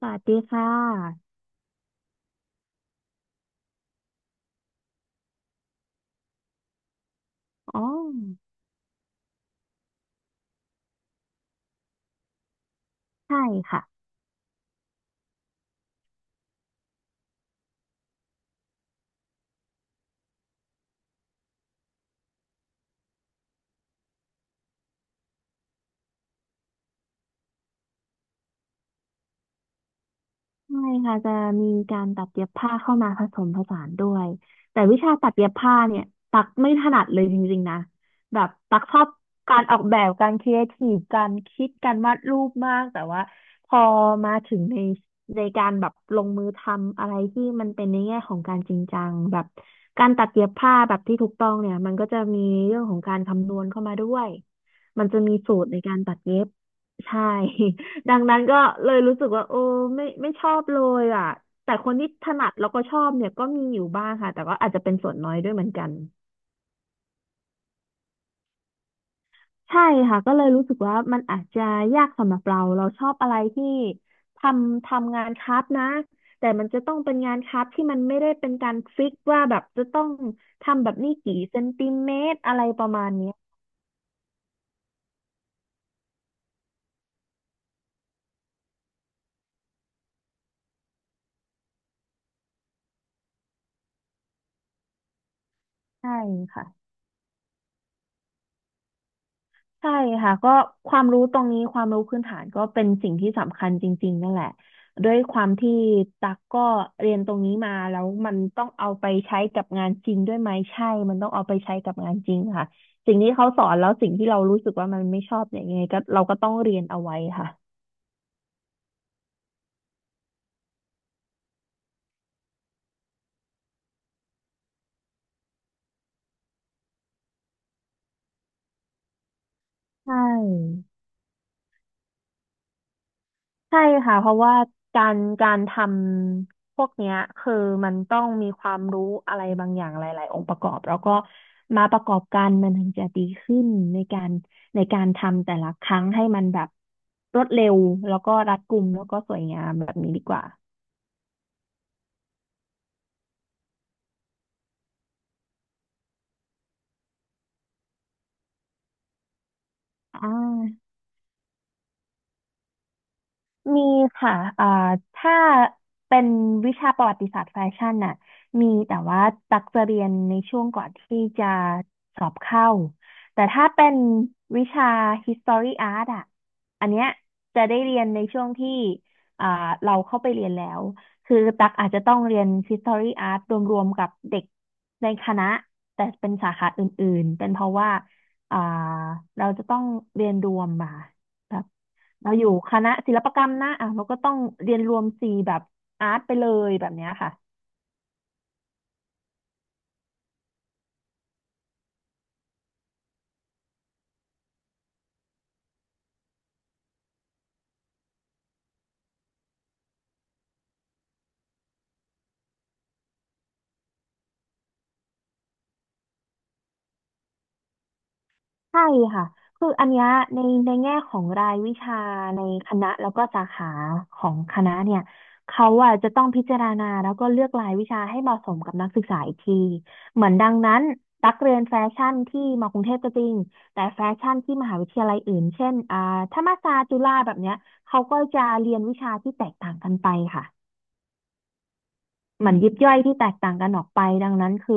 สวัสดีค่ะ อ๋อ ใช่ ใช่ค่ะจะมีการตัดเย็บผ้าเข้ามาผสมผสานด้วยแต่วิชาตัดเย็บผ้าเนี่ยตักไม่ถนัดเลยจริงๆนะแบบตักชอบการออกแบบการครีเอทีฟการคิดการวาดรูปมากแต่ว่าพอมาถึงในการแบบลงมือทำอะไรที่มันเป็นในแง่ของการจริงจังแบบการตัดเย็บผ้าแบบที่ถูกต้องเนี่ยมันก็จะมีเรื่องของการคำนวณเข้ามาด้วยมันจะมีสูตรในการตัดเย็บใช่ ดังนั้นก็เลยรู้สึกว่าโอ้ไม่ชอบเลยอ่ะแต่คนที่ถนัดแล้วก็ชอบเนี่ยก็มีอยู่บ้างค่ะแต่ก็อาจจะเป็นส่วนน้อยด้วยเหมือนกันใช่ค่ะก็เลยรู้สึกว่ามันอาจจะยากสำหรับเราเราชอบอะไรที่ททำงานคราฟต์นะแต่มันจะต้องเป็นงานคราฟต์ที่มันไม่ได้เป็นการฟิกว่าแบบจะต้องทำแบบนี้กี่เซนติเมตรอะไรประมาณเนี้ยใช่ค่ะ ใช่ค่ะก็ความรู้ตรงนี้ความรู้พื้นฐานก็เป็นสิ่งที่สำคัญจริงๆนั่นแหละด้วยความที่ตักก็เรียนตรงนี้มาแล้วมันต้องเอาไปใช้กับงานจริงด้วยไหมใช่มันต้องเอาไปใช้กับงานจริงค่ะสิ่งที่เขาสอนแล้วสิ่งที่เรารู้สึกว่ามันไม่ชอบเนี่ยยังไงก็เราก็ต้องเรียนเอาไว้ค่ะใช่ ใช่ค่ะเพราะว่าการทำพวกเนี้ยคือมันต้องมีความรู้อะไรบางอย่างหลายๆองค์ประกอบแล้วก็มาประกอบกันมันถึงจะดีขึ้นในการในการทำแต่ละครั้งให้มันแบบรวดเร็วแล้วก็รัดกุมแล้วก็สวยงามแบบนี้ดีกว่าอ่า มีค่ะอ่าถ้าเป็นวิชาประวัติศาสตร์แฟชั่นน่ะมีแต่ว่าตักจะเรียนในช่วงก่อนที่จะสอบเข้า แต่ถ้าเป็นวิชา History Art อ่ะอันเนี้ยจะได้เรียนในช่วงที่อ่าเราเข้าไปเรียนแล้ว คือตักอาจจะต้องเรียน History Art รวมๆกับเด็กในคณะแต่เป็นสาขาอื่นๆ เป็นเพราะว่าอ่าเราจะต้องเรียนรวมมา เราอยู่คณะศิลปกรรมนะอ่ะเราก็ต้องเรียนรวมสีแบบอาร์ตไปเลยแบบเนี้ยค่ะใช่ค่ะคืออันเนี้ยในในแง่ของรายวิชาในคณะแล้วก็สาขาของคณะเนี่ยเขาอ่ะจะต้องพิจารณาแล้วก็เลือกรายวิชาให้เหมาะสมกับนักศึกษาอีกทีเหมือนดังนั้นตักเรียนแฟชั่นที่มากรุงเทพก็จริงแต่แฟชั่นที่มหาวิทยาลัยอื่นเช่นธรรมศาสตร์จุฬาแบบเนี้ยเขาก็จะเรียนวิชาที่แตกต่างกันไปค่ะ เหมือนยิบย่อยที่แตกต่างกันออกไปดังนั้นคือ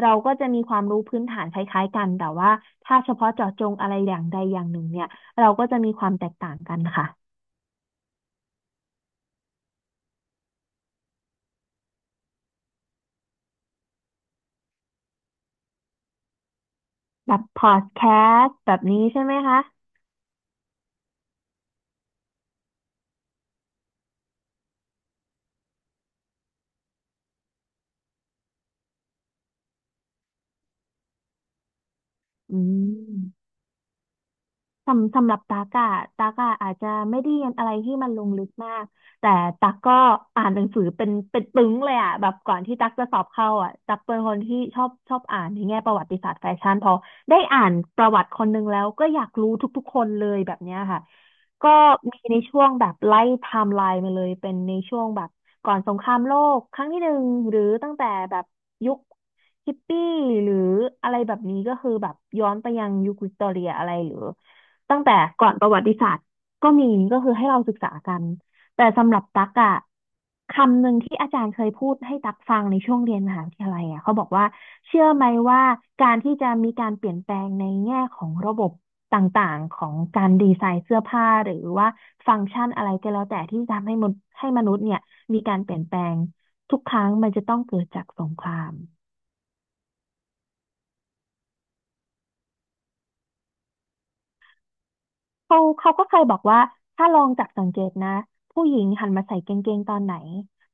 เราก็จะมีความรู้พื้นฐานคล้ายๆกันแต่ว่าถ้าเฉพาะเจาะจงอะไรอย่างใดอย่างหนึ่งเนี่ยเราก็จะมีความแตกต่างกันค่ะแบบพอดแคสต์แบบนี้ใช่ไหมคะอืม สำหรับตากอะอาจจะไม่ได้เรียนอะไรที่มันลงลึกมากแต่ตักก็อ่านหนังสือเป็นปึ้งเลยอะแบบก่อนที่ตักจะสอบเข้าอะตักเป็นคนที่ชอบอ่านในแง่ประวัติศาสตร์แฟชั่นพอได้อ่านประวัติคนหนึ่งแล้วก็อยากรู้ทุกๆคนเลยแบบเนี้ยค่ะก็มีในช่วงแบบไล่ไทม์ไลน์มาเลยเป็นในช่วงแบบก่อนสงครามโลกครั้งที่หนึ่งหรือตั้งแต่แบบยุคฮิปปี้หรืออะไรแบบนี้ก็คือแบบย้อนไปยังยุควิกตอเรียอะไรหรือ ตั้งแต่ก่อนประวัติศาสตร์ก็มีก็คือให้เราศึกษากันแต่สำหรับตักอะคำหนึ่งที่อาจารย์เคยพูดให้ตักฟังในช่วงเรียนมหาวิทยาลัยอะเขาบอกว่าเชื่อไหมว่าการที่จะมีการเปลี่ยนแปลงในแง่ของระบบต่างๆของการดีไซน์เสื้อผ้าหรือว่าฟังก์ชันอะไรก็แล้วแต่ที่ทำให้มนุษย์เนี่ยมีการเปลี่ยนแปลงทุกครั้งมันจะต้องเกิดจากสงคราม เขาก็เคยบอกว่าถ้าลองจับสังเกตนะผู้หญิงหันมาใส่กางเกงตอนไหน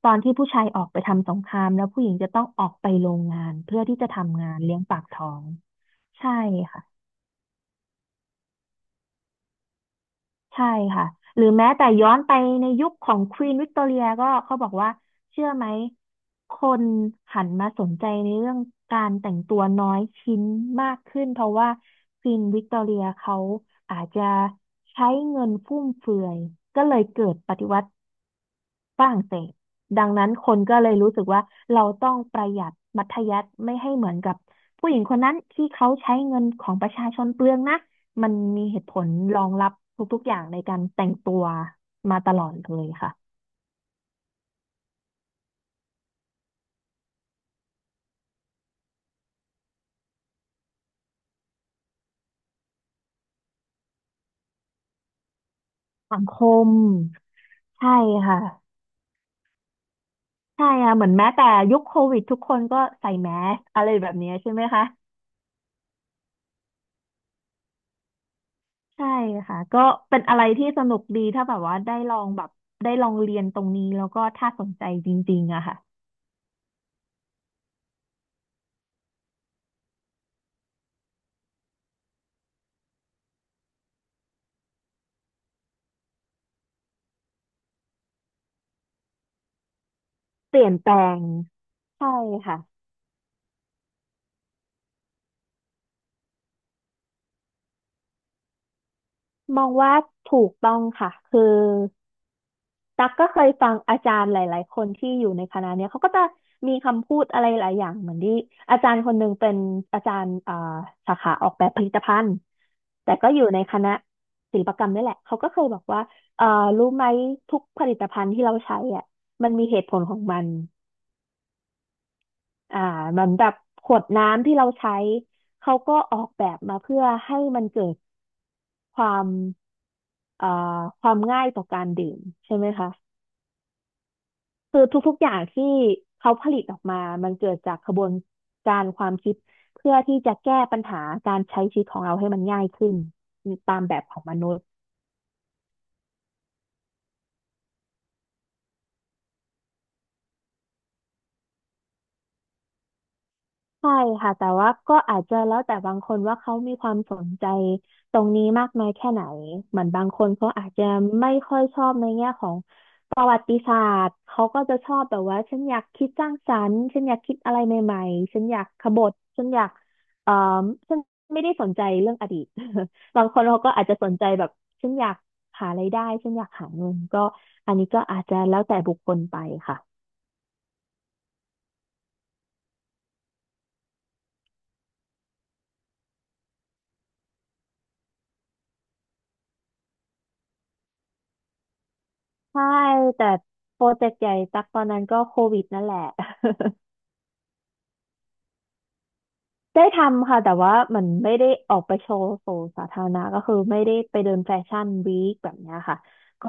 ตอนที่ผู้ชายออกไปทำสงครามแล้วผู้หญิงจะต้องออกไปโรงงานเพื่อที่จะทำงานเลี้ยงปากท้องใช่ค่ะ ใช่ค่ะหรือแม้แต่ย้อนไปในยุคของควีนวิกตอเรียก็เขาบอกว่าเชื่อไหมคนหันมาสนใจในเรื่องการแต่งตัวน้อยชิ้นมากขึ้นเพราะว่าควีนวิกตอเรียเขาอาจจะใช้เงินฟุ่มเฟือยก็เลยเกิดปฏิวัติฝรั่งเศสดังนั้นคนก็เลยรู้สึกว่าเราต้องประหยัดมัธยัสถ์ไม่ให้เหมือนกับผู้หญิงคนนั้นที่เขาใช้เงินของประชาชนเปลืองนะ มันมีเหตุผลรองรับทุกๆอย่างในการแต่งตัวมาตลอดเลยค่ะสังคมใช่ค่ะใช่ค่ะเหมือนแม้แต่ยุคโควิดทุกคนก็ใส่แมสอะไรแบบนี้ใช่ไหมคะใช่ค่ะก็เป็นอะไรที่สนุกดีถ้าแบบว่าได้ลองแบบได้ลองเรียนตรงนี้แล้วก็ถ้าสนใจจริงๆอะค่ะเปลี่ยนแปลงใช่ค่ะมองว่าถูกต้องค่ะคือ ตักก็เคยฟังอาจารย์หลายๆคนที่อยู่ในคณะเนี้ยเขาก็จะมีคำพูดอะไรหลายอย่างเหมือนที่อาจารย์คนหนึ่งเป็นอาจารย์สาขาออกแบบผลิตภัณฑ์แต่ก็อยู่ในคณะศิลปกรรมนี่แหละเขาก็เคยบอกว่าเอ่อรู้ไหมทุกผลิตภัณฑ์ที่เราใช้อ่ะมันมีเหตุผลของมันอ่ามันแบบขวดน้ำที่เราใช้เขาก็ออกแบบมาเพื่อให้มันเกิดความเอ่อความง่ายต่อการดื่มใช่ไหมคะ คือทุกๆ อย่างที่เขาผลิตออกมา มันเกิดจากกระบวนการความคิดเพื่อที่จะแก้ปัญหาการใช้ชีวิตของเราให้มันง่ายขึ้นตามแบบของมนุษย์ ใช่ค่ะแต่ว่าก็อาจจะแล้วแต่บางคนว่าเขามีความสนใจตรงนี้มากน้อยแค่ไหนเหมือนบางคนเขาอาจจะไม่ค่อยชอบในแง่ของประวัติศาสตร์เขาก็จะชอบแบบว่าฉันอยากคิดสร้างสรรค์ฉันอยากคิดอะไรใหม่ๆฉันอยากขบถฉันอยากเอ่อฉันไม่ได้สนใจเรื่องอดีต บางคนเขาก็อาจจะสนใจแบบฉันอยากหารายได้ฉันอยากหาเงินก็อันนี้ก็อาจจะแล้วแต่บุคคลไปค่ะ ใช่แต่โปรเจกต์ใหญ่ตักตอนนั้นก็โควิดนั่นแหละ ได้ทำค่ะแต่ว่ามันไม่ได้ออกไปโชว์สู่สาธารณะก็คือไม่ได้ไปเดินแฟชั่นวีคแบบเนี้ยค่ะก็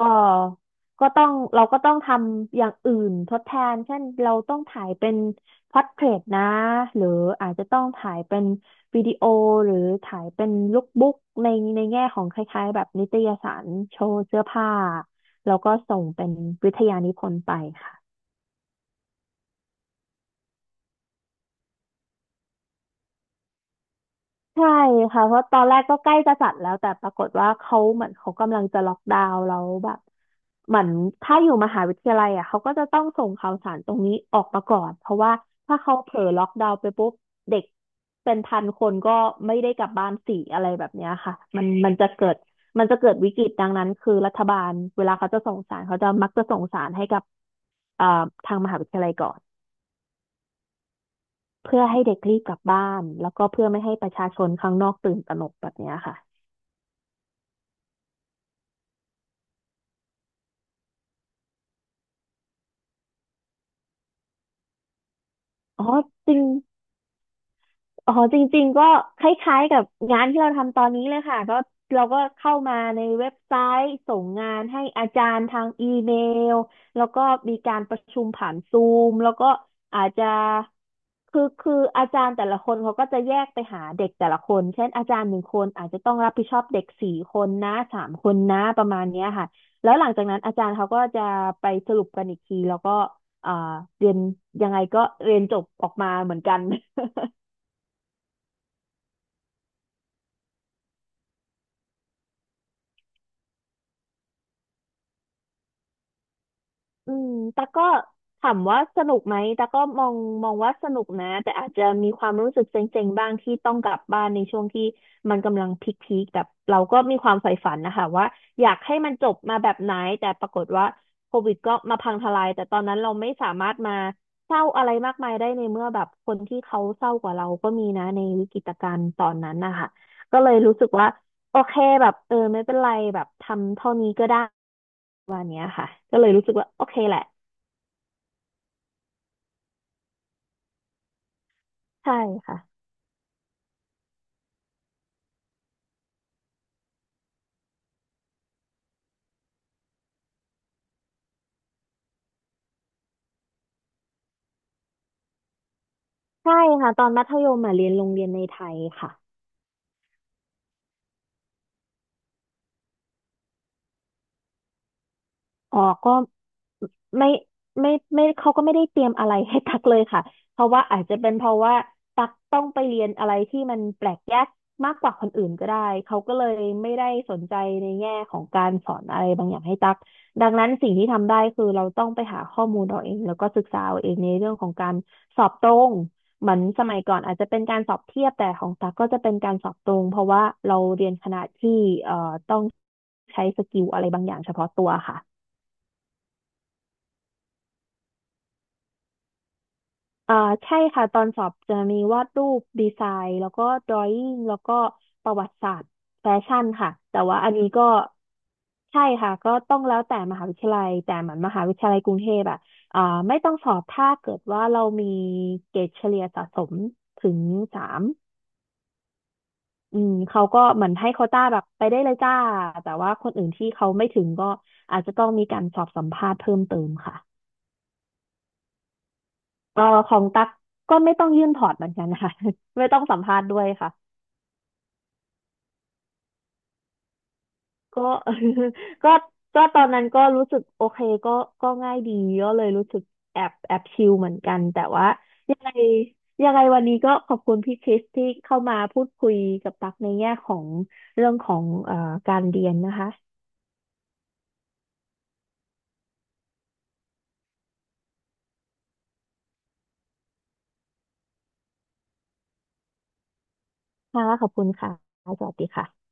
ก็ต้องเราก็ต้องทำอย่างอื่นทดแทนเช่นเราต้องถ่ายเป็นพ o r t เทรตนะหรืออาจจะต้องถ่ายเป็นวิดีโอหรือถ่ายเป็นลุคบุ๊กในในแง่ของคล้ายๆแบบนิตยสารโชว์เสื้อผ้าแล้วก็ส่งเป็นวิทยานิพนธ์ไปค่ะ ใช่ค่ะเพราะตอนแรกก็ใกล้จะจัดแล้วแต่ปรากฏว่าเขาเหมือนเขากำลังจะล็อกดาวน์แล้วแบบเหมือนถ้าอยู่มหาวิทยาลัยอ่ะเขาก็จะต้องส่งข่าวสารตรงนี้ออกมาก่อนเพราะว่าถ้าเขาเผลอล็อกดาวน์ไปปุ๊บเด็กเป็นพันคนก็ไม่ได้กลับบ้านสี่อะไรแบบเนี้ยค่ะมันจะเกิดมันจะเกิดวิกฤตดังนั้นคือรัฐบาลเวลาเขาจะส่งสารเขาจะมักจะส่งสารให้กับเอ่อทางมหาวิทยาลัยก่อนเพื่อให้เด็กรีบกลับบ้านแล้วก็เพื่อไม่ให้ประชาชนข้างนอกตื่นตระหนกแบบเนี้ยค่ะ อ๋อจริงอ๋อจริงๆก็คล้ายๆกับงานที่เราทำตอนนี้เลยค่ะก็เราก็เข้ามาในเว็บไซต์ส่งงานให้อาจารย์ทางอีเมลแล้วก็มีการประชุมผ่านซูมแล้วก็อาจจะคืออาจารย์แต่ละคนเขาก็จะแยกไปหาเด็กแต่ละคนเช่นอาจารย์หนึ่งคนอาจจะต้องรับผิดชอบเด็กสี่คนนะสามคนนะประมาณเนี้ยค่ะแล้วหลังจากนั้นอาจารย์เขาก็จะไปสรุปกันอีกทีแล้วก็อ่าเรียนยังไงก็เรียนจบออกมาเหมือนกัน อืมแต่กก็ถามว่าสนุกไหมแต่กก็มองว่าสนุกนะแต่อาจจะมีความรู้สึกเซ็งๆบ้างที่ต้องกลับบ้านในช่วงที่มันกำลังพีคๆแบบเราก็มีความใฝ่ฝันนะคะว่าอยากให้มันจบมาแบบไหนแต่ปรากฏว่าโควิดก็มาพังทลายแต่ตอนนั้นเราไม่สามารถมาเศร้าอะไรมากมายได้ในเมื่อแบบคนที่เขาเศร้ากว่าเราก็มีนะในวิกฤตการณ์ตอนนั้นนะคะก็เลยรู้สึกว่าโอเคแบบเออไม่เป็นไรแบบทำเท่านี้ก็ได้ก็เลยรู้สึกว่าโอเคแหละใช่ค่ะ ใช่ค่ะตอนมัธยมอ่ะเรียนโรงเรียนในไทยค่ะ อ๋อก็ไม่ไม่เขาก็ไม่ได้เตรียมอะไรให้ตักเลยค่ะเพราะว่าอาจจะเป็นเพราะว่าตักต้องไปเรียนอะไรที่มันแปลกแยกมากกว่าคนอื่นก็ได้เขาก็เลยไม่ได้สนใจในแง่ของการสอนอะไรบางอย่างให้ตักดังนั้นสิ่งที่ทำได้คือเราต้องไปหาข้อมูลเราเองแล้วก็ศึกษาเอาเองในเรื่องของการสอบตรงเหมือนสมัยก่อนอาจจะเป็นการสอบเทียบแต่ของตักก็จะเป็นการสอบตรงเพราะว่าเราเรียนคณะที่เอ่อต้องใช้สกิลอะไรบางอย่างเฉพาะตัวค่ะ อ่าใช่ค่ะตอนสอบจะมีวาดรูปดีไซน์แล้วก็ดรอย n งแล้วก็ประวัติศาสตร์แฟชั่นค่ะแต่ว่าอันนี้ก็ใช่ค่ะก็ต้องแล้วแต่มหาวิทยาลัยแต่เหมือนมหาวิทยาลัยกรุงเทพอะอ่าไม่ต้องสอบถ้าเกิดว่าเรามีเกรดเฉลี่ยสะสมถึงสามอืมเขาก็เหมือนให้โควต้าแบบไปได้เลยจ้าแต่ว่าคนอื่นที่เขาไม่ถึงก็อาจจะต้องมีการสอบสัมภาษณ์เพิ่มเติมค่ะ เอ่อของตั๊กก็ไม่ต้องยื่นถอดเหมือนกันค่ะ ไม่ต้องสัมภาษณ์ด้วยค่ะก็ ก็ก็ตอนนั้นก็รู้สึกโอเคก็ก็ง่ายดีก็เลยรู้สึกแอบชิลเหมือนกันแต่ว่ายังไงยังไงวันนี้ก็ขอบคุณพี่คริสที่เข้ามาพูดคุยกับตั๊กในแง่ของเรื่องของการเรียนนะคะค่ะขอบคุณค่ะสวัสดีค่ะ